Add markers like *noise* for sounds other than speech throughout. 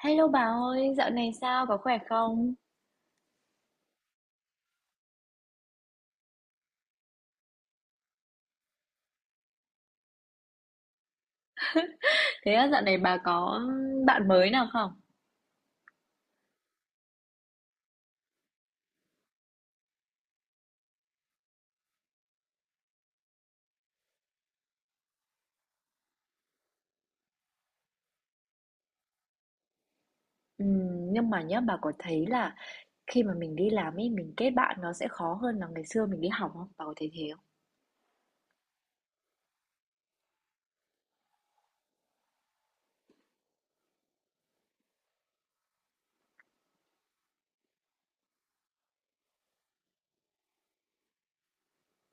Hello bà ơi, dạo này sao, có khỏe không? Thế á, dạo này bà có bạn mới nào không? Nhưng mà nhá, bà có thấy là khi mà mình đi làm ấy, mình kết bạn nó sẽ khó hơn là ngày xưa mình đi học không? Bà có thấy thế không?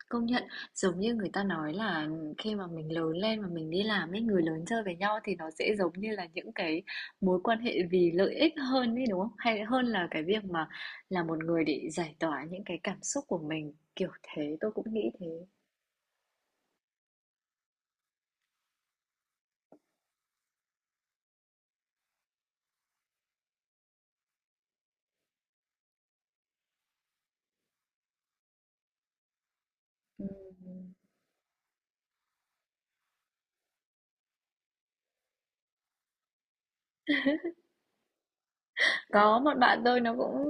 Công nhận, giống như người ta nói là khi mà mình lớn lên và mình đi làm ấy, người lớn chơi với nhau thì nó sẽ giống như là những cái mối quan hệ vì lợi ích hơn ấy đúng không? Hay hơn là cái việc mà là một người để giải tỏa những cái cảm xúc của mình, kiểu thế, tôi cũng nghĩ thế. Ừm. Có một bạn tôi nó cũng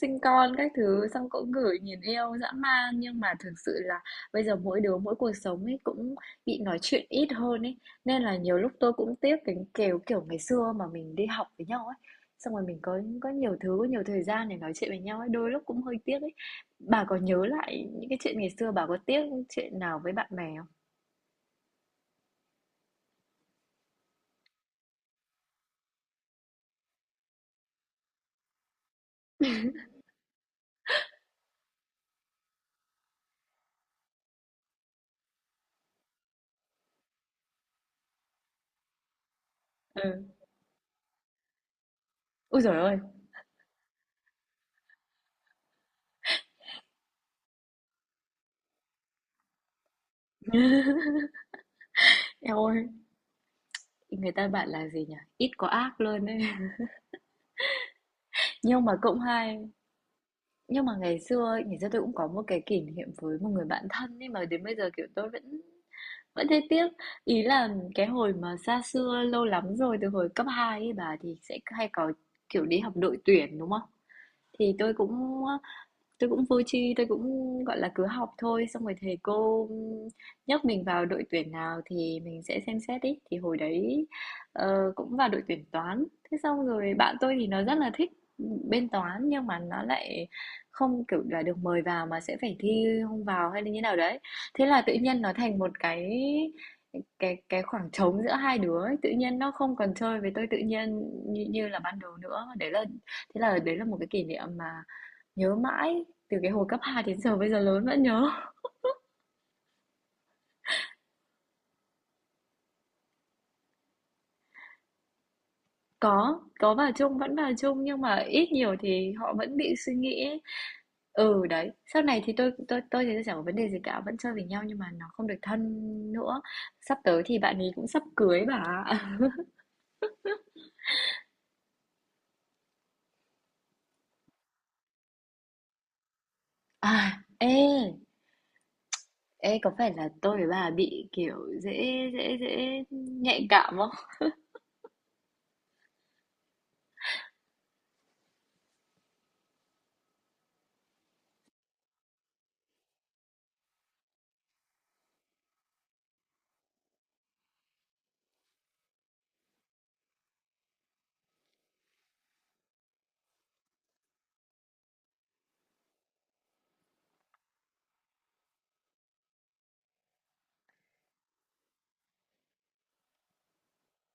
sinh con các thứ xong cũng gửi nhìn yêu dã man, nhưng mà thực sự là bây giờ mỗi đứa mỗi cuộc sống ấy cũng bị nói chuyện ít hơn ấy, nên là nhiều lúc tôi cũng tiếc cái kiểu kiểu ngày xưa mà mình đi học với nhau ấy, xong rồi mình có nhiều thứ, có nhiều thời gian để nói chuyện với nhau ấy, đôi lúc cũng hơi tiếc ấy. Bà có nhớ lại những cái chuyện ngày xưa, bà có tiếc chuyện nào với bạn bè không? Ừ, ôi trời ơi. Em ơi, người ta bạn là gì nhỉ, ít có ác luôn ấy. *laughs* Nhưng mà cũng hay. Nhưng mà ngày xưa ấy, ngày xưa tôi cũng có một cái kỷ niệm với một người bạn thân, nhưng mà đến bây giờ, kiểu, tôi vẫn vẫn thấy tiếc. Ý là cái hồi mà xa xưa lâu lắm rồi, từ hồi cấp 2 ấy bà, thì sẽ hay có, kiểu, đi học đội tuyển, đúng không? Thì tôi cũng, Tôi cũng vô tri, tôi cũng, gọi là, cứ học thôi, xong rồi thầy cô nhắc mình vào đội tuyển nào thì mình sẽ xem xét ấy. Thì hồi đấy, cũng vào đội tuyển Toán. Thế xong rồi bạn tôi thì nó rất là thích bên Toán, nhưng mà nó lại không, kiểu là, được mời vào mà sẽ phải thi không vào hay là như nào đấy. Thế là tự nhiên nó thành một cái khoảng trống giữa hai đứa ấy, tự nhiên nó không còn chơi với tôi tự nhiên như như là ban đầu nữa. Đấy là thế là đấy là một cái kỷ niệm mà. Nhớ mãi, từ cái hồi cấp 2 đến giờ bây giờ lớn vẫn nhớ. Có vào chung, vẫn vào chung, nhưng mà ít nhiều thì họ vẫn bị suy nghĩ ấy. Ừ, đấy. Sau này thì tôi chẳng có vấn đề gì cả, vẫn chơi với nhau nhưng mà nó không được thân nữa. Sắp tới thì bạn ấy cũng sắp cưới bà. À, ê có phải là tôi với bà bị kiểu dễ dễ dễ nhạy cảm không?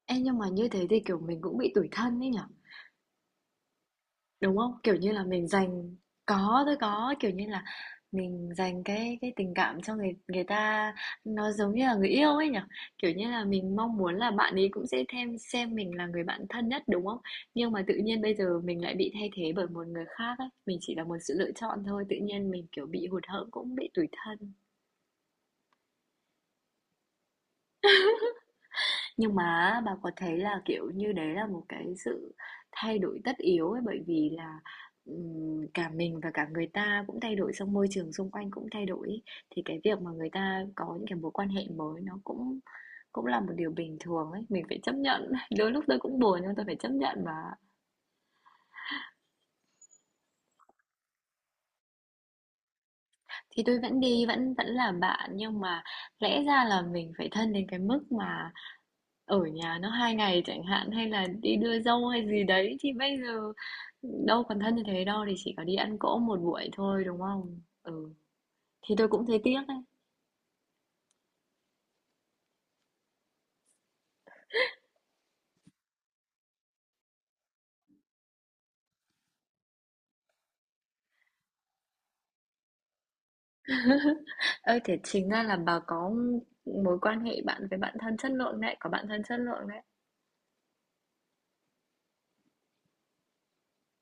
Ê nhưng mà như thế thì kiểu mình cũng bị tủi thân ấy nhở? Đúng không? Kiểu như là mình dành, có, tôi có, kiểu như là mình dành cái tình cảm cho người người ta, nó giống như là người yêu ấy nhỉ? Kiểu như là mình mong muốn là bạn ấy cũng sẽ thêm xem mình là người bạn thân nhất đúng không? Nhưng mà tự nhiên bây giờ mình lại bị thay thế bởi một người khác ấy, mình chỉ là một sự lựa chọn thôi, tự nhiên mình kiểu bị hụt hẫng, cũng bị tủi thân. Nhưng mà bà có thấy là, kiểu như, đấy là một cái sự thay đổi tất yếu ấy, bởi vì là, cả mình và cả người ta cũng thay đổi, xong môi trường xung quanh cũng thay đổi ấy. Thì cái việc mà người ta có những cái mối quan hệ mới nó cũng cũng là một điều bình thường ấy, mình phải chấp nhận. *laughs* Đôi lúc tôi cũng buồn nhưng tôi phải chấp nhận mà. Thì tôi vẫn đi, vẫn vẫn là bạn, nhưng mà lẽ ra là mình phải thân đến cái mức mà ở nhà nó 2 ngày chẳng hạn, hay là đi đưa dâu hay gì đấy, thì bây giờ đâu còn thân như thế đâu, thì chỉ có đi ăn cỗ một buổi thôi đúng không? Ừ, thì tôi cũng thấy tiếc đấy. Ơi thế chính ra là bà có mối quan hệ bạn với bạn thân chất lượng đấy, có bạn thân chất lượng đấy.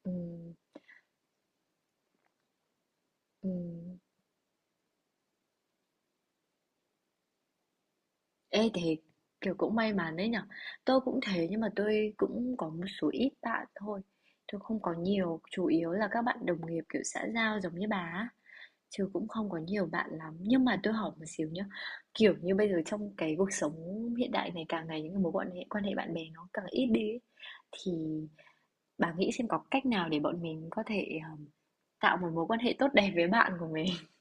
Ừ. Ừ. Ê thì kiểu cũng may mắn đấy nhở. Tôi cũng thế, nhưng mà tôi cũng có một số ít bạn thôi. Tôi không có nhiều. Chủ yếu là các bạn đồng nghiệp kiểu xã giao giống như bà á. Chứ cũng không có nhiều bạn lắm. Nhưng mà tôi hỏi một xíu nhá. Kiểu như bây giờ trong cái cuộc sống hiện đại này, càng ngày những cái quan hệ bạn bè nó càng ít đi ấy. Thì bà nghĩ xem có cách nào để bọn mình có thể tạo một mối quan hệ tốt đẹp với bạn của mình. *laughs*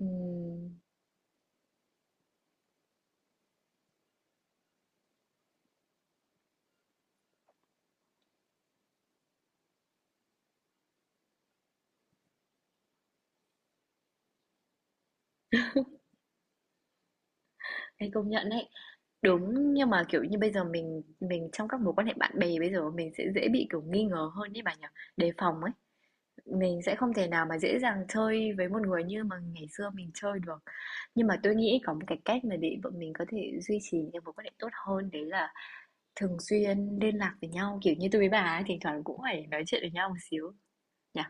Ừm. Ê, công nhận đấy. Đúng, nhưng mà, kiểu như, bây giờ mình trong các mối quan hệ bạn bè, bây giờ mình sẽ dễ bị, kiểu, nghi ngờ hơn đấy bà nhỉ? Đề phòng ấy. Mình sẽ không thể nào mà dễ dàng chơi với một người như mà ngày xưa mình chơi được. Nhưng mà tôi nghĩ có một cái cách mà để bọn mình có thể duy trì những cái mối quan hệ tốt hơn, đấy là thường xuyên liên lạc với nhau, kiểu như, tôi với bà ấy thỉnh thoảng cũng phải nói chuyện với nhau một xíu, nhỉ?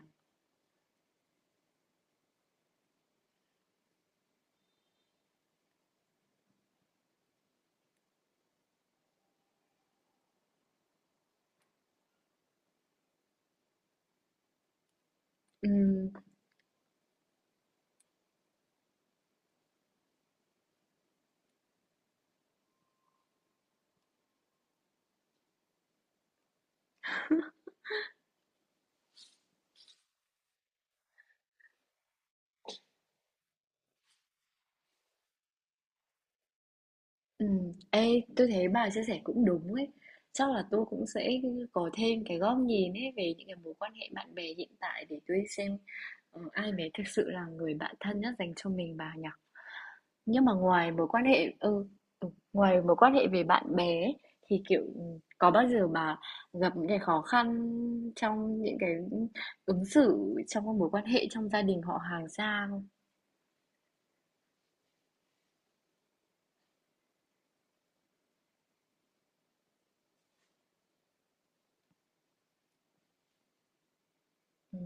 Ừ. Ê, tôi thấy bà chia sẻ cũng đúng ấy. Chắc là tôi cũng sẽ có thêm cái góc nhìn ấy về những cái mối quan hệ bạn bè hiện tại để tôi xem ai mới thực sự là người bạn thân nhất dành cho mình bà nhỉ. Nhưng mà ngoài mối quan hệ về bạn bè ấy, thì kiểu có bao giờ bà gặp những cái khó khăn trong những cái ứng xử trong các mối quan hệ trong gia đình họ hàng xa không? Ừ.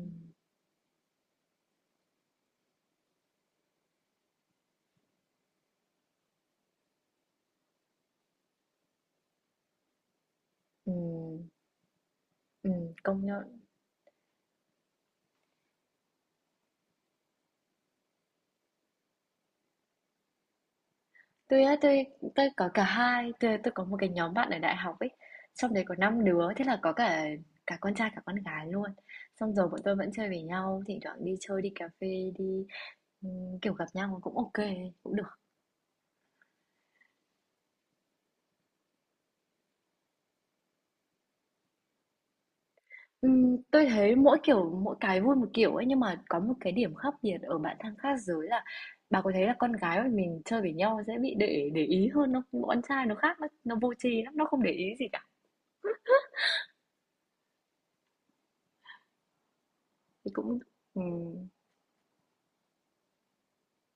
Ừ. Ừ. Công nhận. Tôi á, tôi có cả hai, tôi có một cái nhóm bạn ở đại học ấy, trong đấy có 5 đứa, thế là có cả cả con trai cả con gái luôn. Xong rồi bọn tôi vẫn chơi với nhau, thỉnh thoảng đi chơi, đi cà phê, đi kiểu gặp nhau cũng ok, cũng được. Tôi thấy mỗi kiểu mỗi cái vui một kiểu ấy, nhưng mà có một cái điểm khác biệt ở bạn thân khác giới là, bà có thấy là con gái mà mình chơi với nhau sẽ bị để ý hơn không? Nhưng con trai nó khác, nó vô tri lắm, nó không để ý gì cả. Thì cũng. ừm,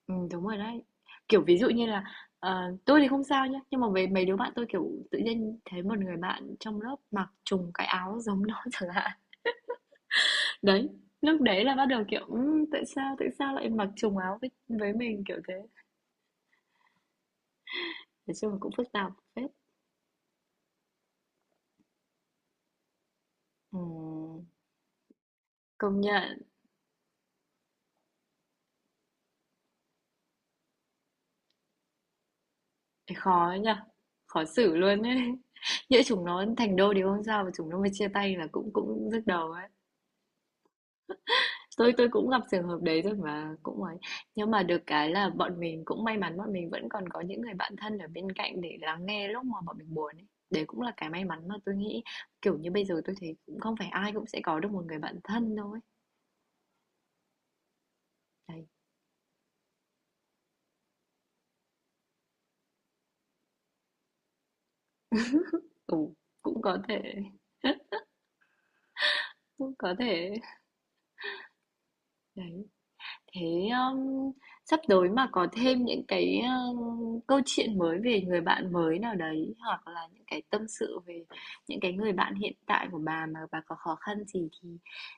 Đúng rồi đấy. Kiểu, ví dụ như là, tôi thì không sao nhá, nhưng mà với mấy đứa bạn tôi, kiểu, tự nhiên thấy một người bạn trong lớp mặc trùng cái áo giống nó *laughs* chẳng hạn. Đấy, lúc đấy là bắt đầu, kiểu, tại sao lại mặc trùng áo với mình, kiểu thế. Nói chung là cũng phức tạp phết. Ừm, công nhận, khó ấy nhỉ, khó xử luôn ấy. *laughs* Nhỡ chúng nó thành đôi thì không sao, mà chúng nó mà chia tay là cũng cũng nhức đầu ấy. Tôi cũng gặp trường hợp đấy rồi mà cũng ấy. Nhưng mà được cái là bọn mình cũng may mắn, bọn mình vẫn còn có những người bạn thân ở bên cạnh để lắng nghe lúc mà bọn mình buồn ấy. Đấy cũng là cái may mắn mà tôi nghĩ, kiểu như bây giờ tôi thấy cũng không phải ai cũng sẽ có được một người bạn thân đâu ấy. Đấy. Ừ, cũng có thể cũng có thể đấy. Thế sắp tới mà có thêm những cái câu chuyện mới về người bạn mới nào đấy, hoặc là những cái tâm sự về những cái người bạn hiện tại của bà mà bà có khó khăn gì thì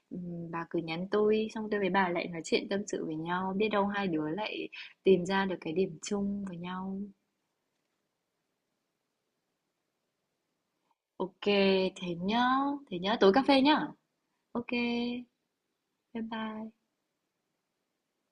bà cứ nhắn tôi, xong tôi với bà lại nói chuyện tâm sự với nhau, biết đâu hai đứa lại tìm ra được cái điểm chung với nhau. Ok, thế nhá, thế nhá, tối cà phê nhá. Ok, bye bye.